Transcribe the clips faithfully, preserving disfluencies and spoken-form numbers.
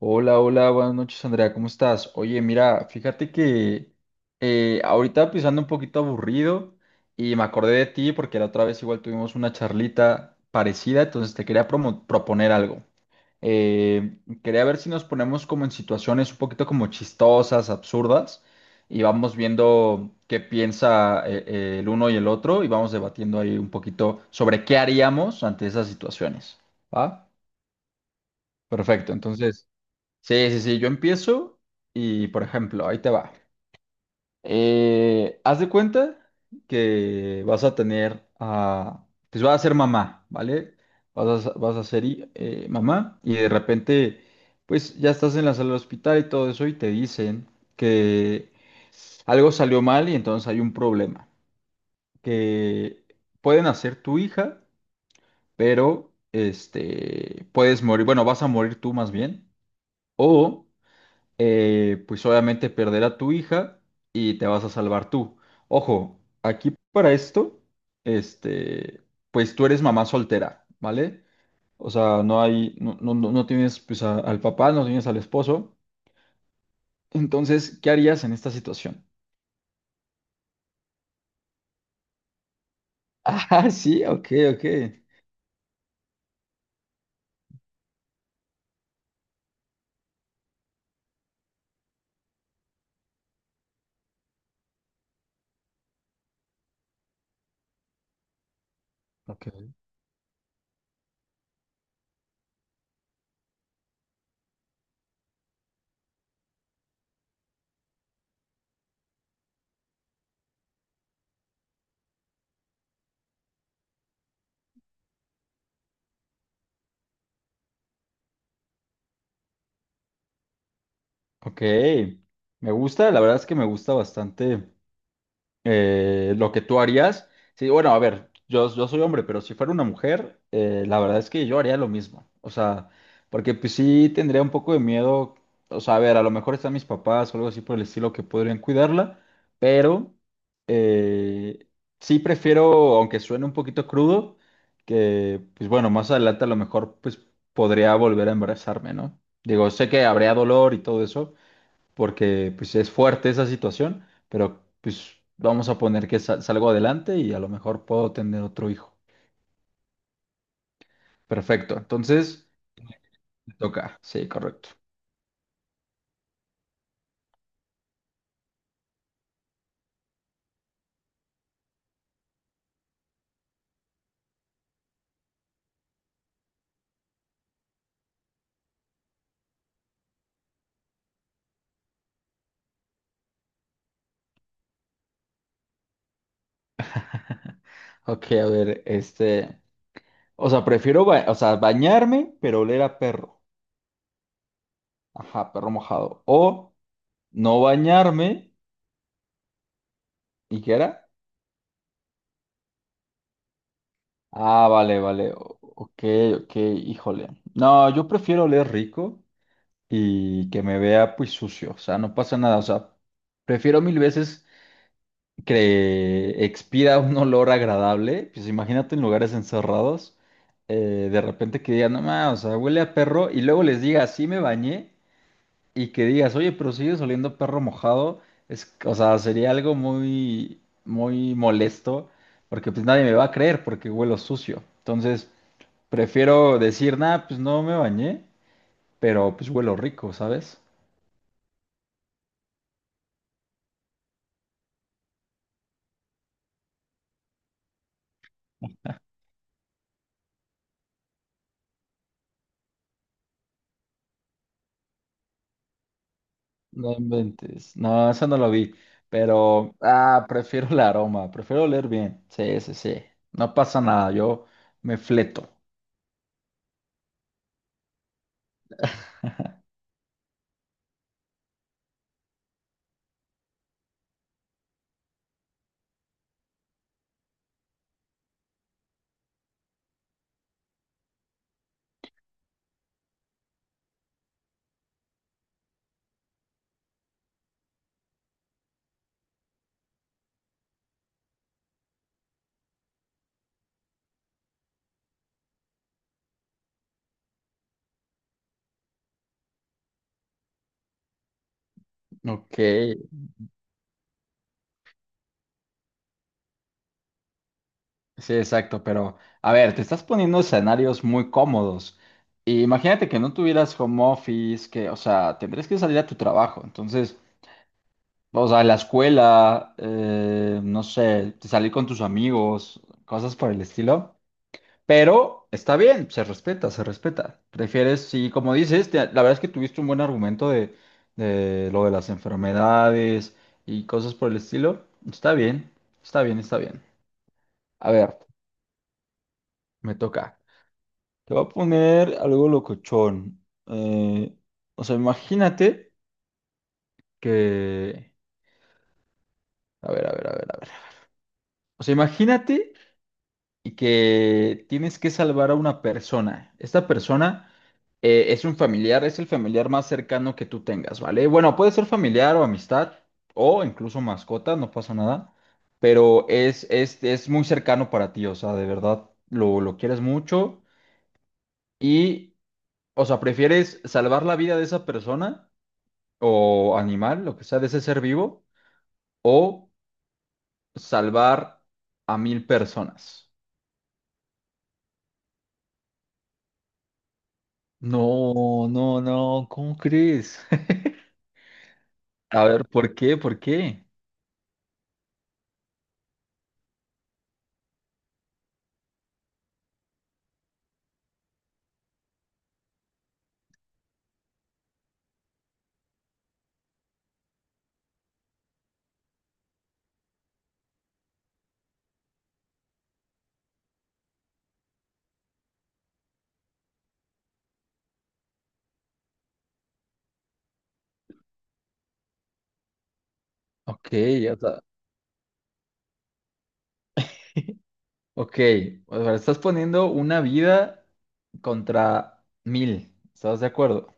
Hola, hola, buenas noches Andrea, ¿cómo estás? Oye, mira, fíjate que eh, ahorita pues ando un poquito aburrido y me acordé de ti porque la otra vez igual tuvimos una charlita parecida, entonces te quería promo- proponer algo. Eh, Quería ver si nos ponemos como en situaciones un poquito como chistosas, absurdas y vamos viendo qué piensa eh, eh, el uno y el otro y vamos debatiendo ahí un poquito sobre qué haríamos ante esas situaciones. ¿Va? Perfecto, entonces... Sí, sí, sí, yo empiezo y, por ejemplo, ahí te va. Eh, haz de cuenta que vas a tener a, pues vas a ser mamá, ¿vale? Vas a, vas a ser i- eh, mamá y de repente, pues ya estás en la sala del hospital y todo eso y te dicen que algo salió mal y entonces hay un problema, que pueden hacer tu hija, pero, este, puedes morir, bueno, vas a morir tú más bien. O eh, pues obviamente perder a tu hija y te vas a salvar tú. Ojo, aquí para esto, este, pues tú eres mamá soltera, ¿vale? O sea, no hay, no, no, no no tienes pues a- al papá, no tienes al esposo. Entonces, ¿qué harías en esta situación? Ah, sí, ok, ok. Ok. Ok, me gusta, la verdad es que me gusta bastante eh, lo que tú harías. Sí, bueno, a ver, yo, yo soy hombre, pero si fuera una mujer, eh, la verdad es que yo haría lo mismo. O sea, porque pues sí tendría un poco de miedo. O sea, a ver, a lo mejor están mis papás o algo así por el estilo que podrían cuidarla, pero eh, sí prefiero, aunque suene un poquito crudo, que pues bueno, más adelante a lo mejor pues podría volver a embarazarme, ¿no? Digo, sé que habría dolor y todo eso, porque pues es fuerte esa situación, pero pues vamos a poner que sal- salgo adelante y a lo mejor puedo tener otro hijo. Perfecto, entonces me toca. Sí, correcto. Ok, a ver, este, o sea, prefiero, ba- o sea, bañarme, pero oler a perro. Ajá, perro mojado. O no bañarme, ¿y qué era? Ah, vale, vale. o- Ok, ok, híjole. No, yo prefiero oler rico y que me vea pues sucio. O sea, no pasa nada. O sea, prefiero mil veces que expira un olor agradable, pues imagínate en lugares encerrados, eh, de repente que digan, no más, o sea, huele a perro, y luego les diga, sí me bañé, y que digas, oye, pero sigues oliendo a perro mojado, es, o sea, sería algo muy, muy molesto, porque pues nadie me va a creer porque huelo sucio. Entonces, prefiero decir, nada, pues no me bañé, pero pues huelo rico, ¿sabes? No inventes. No, esa no la vi. Pero, ah, prefiero el aroma. Prefiero oler bien. Sí, sí, sí. No pasa nada. Yo me fleto. Ok. Sí, exacto. Pero, a ver, te estás poniendo escenarios muy cómodos. Y imagínate que no tuvieras home office, que, o sea, tendrías que salir a tu trabajo. Entonces, o sea, la escuela, eh, no sé, salir con tus amigos, cosas por el estilo. Pero está bien, se respeta, se respeta. Prefieres, sí, como dices, te- la verdad es que tuviste un buen argumento de, de lo de las enfermedades y cosas por el estilo. Está bien, está bien, está bien. A ver, me toca. Te voy a poner algo locochón. Eh, o sea, imagínate que... A ver, a ver, a ver, a ver. O sea, imagínate y que tienes que salvar a una persona. Esta persona eh, es un familiar, es el familiar más cercano que tú tengas, ¿vale? Bueno, puede ser familiar o amistad o incluso mascota, no pasa nada, pero es, es, es muy cercano para ti, o sea, de verdad lo, lo quieres mucho y, o sea, prefieres salvar la vida de esa persona o animal, lo que sea, de ese ser vivo, o salvar a mil personas. No, no, no, ¿cómo crees? A ver, ¿por qué? ¿Por qué? Ok, o sea, ok. O sea, estás poniendo una vida contra mil. ¿Estás de acuerdo?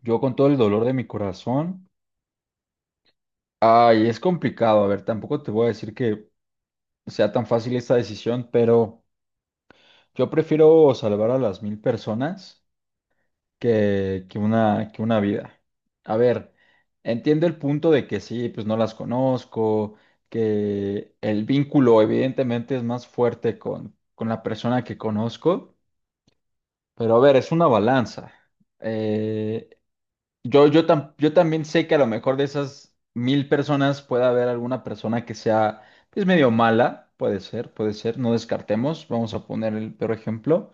Yo con todo el dolor de mi corazón. Ay, es complicado. A ver, tampoco te voy a decir que sea tan fácil esta decisión, pero yo prefiero salvar a las mil personas que, que una, que una vida. A ver, entiendo el punto de que sí, pues no las conozco, que el vínculo evidentemente es más fuerte con, con la persona que conozco, pero a ver, es una balanza. Eh, yo, yo, tam- yo también sé que a lo mejor de esas mil personas puede haber alguna persona que sea pues medio mala, puede ser, puede ser, no descartemos, vamos a poner el peor ejemplo.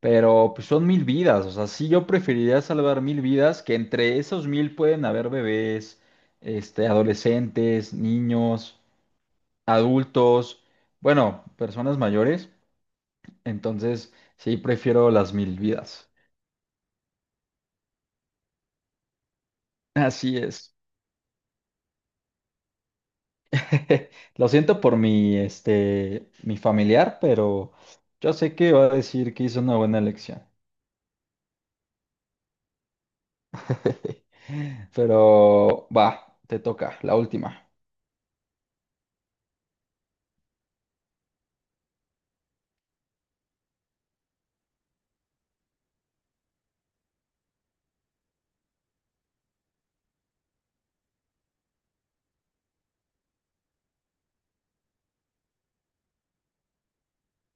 Pero pues son mil vidas, o sea, sí yo preferiría salvar mil vidas, que entre esos mil pueden haber bebés, este, adolescentes, niños, adultos, bueno, personas mayores. Entonces, sí prefiero las mil vidas. Así es. Lo siento por mi, este, mi familiar, pero yo sé que va a decir que hizo una buena elección. Pero va, te toca, la última.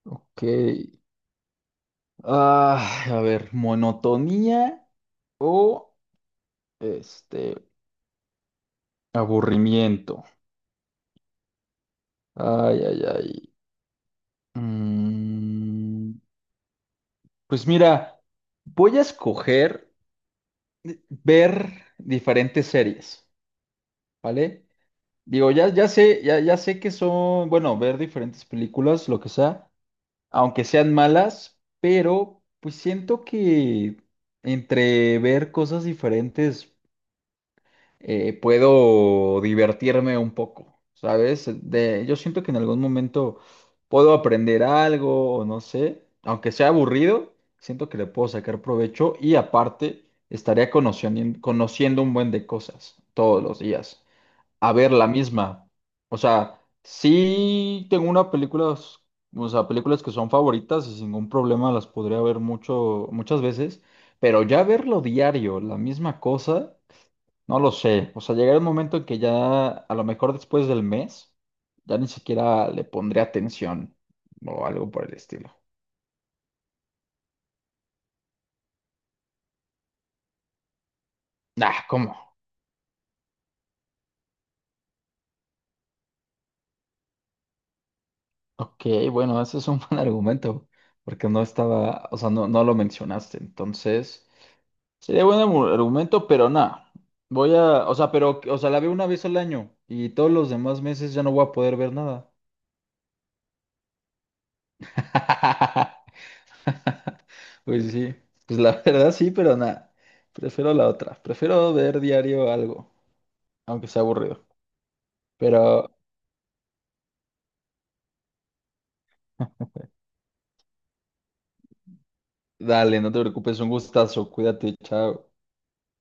Ok. Ah, a ver, monotonía o este aburrimiento. Ay, ay, ay. Mm, pues mira, voy a escoger ver diferentes series, ¿vale? Digo, ya, ya sé, ya, ya sé que son, bueno, ver diferentes películas, lo que sea, aunque sean malas, pero pues siento que entre ver cosas diferentes. Eh, puedo divertirme un poco, ¿sabes? De, yo siento que en algún momento puedo aprender algo o no sé, aunque sea aburrido, siento que le puedo sacar provecho y aparte estaría conociendo, conociendo un buen de cosas todos los días. A ver la misma. O sea, sí tengo una película, o sea, películas que son favoritas y sin ningún problema las podría ver mucho, muchas veces, pero ya verlo diario, la misma cosa. No lo sé. O sea, llegará un momento en que ya, a lo mejor después del mes, ya ni siquiera le pondré atención o algo por el estilo. Ah, ¿cómo? Ok, bueno, ese es un buen argumento, porque no estaba, o sea, no, no lo mencionaste. Entonces, sería buen argu- argumento, pero nada. Voy a, o sea, pero, o sea, la veo una vez al año y todos los demás meses ya no voy a poder ver nada. Pues sí, pues la verdad sí, pero nada, prefiero la otra. Prefiero ver diario algo, aunque sea aburrido. Pero dale, no te preocupes, un gustazo, cuídate, chao.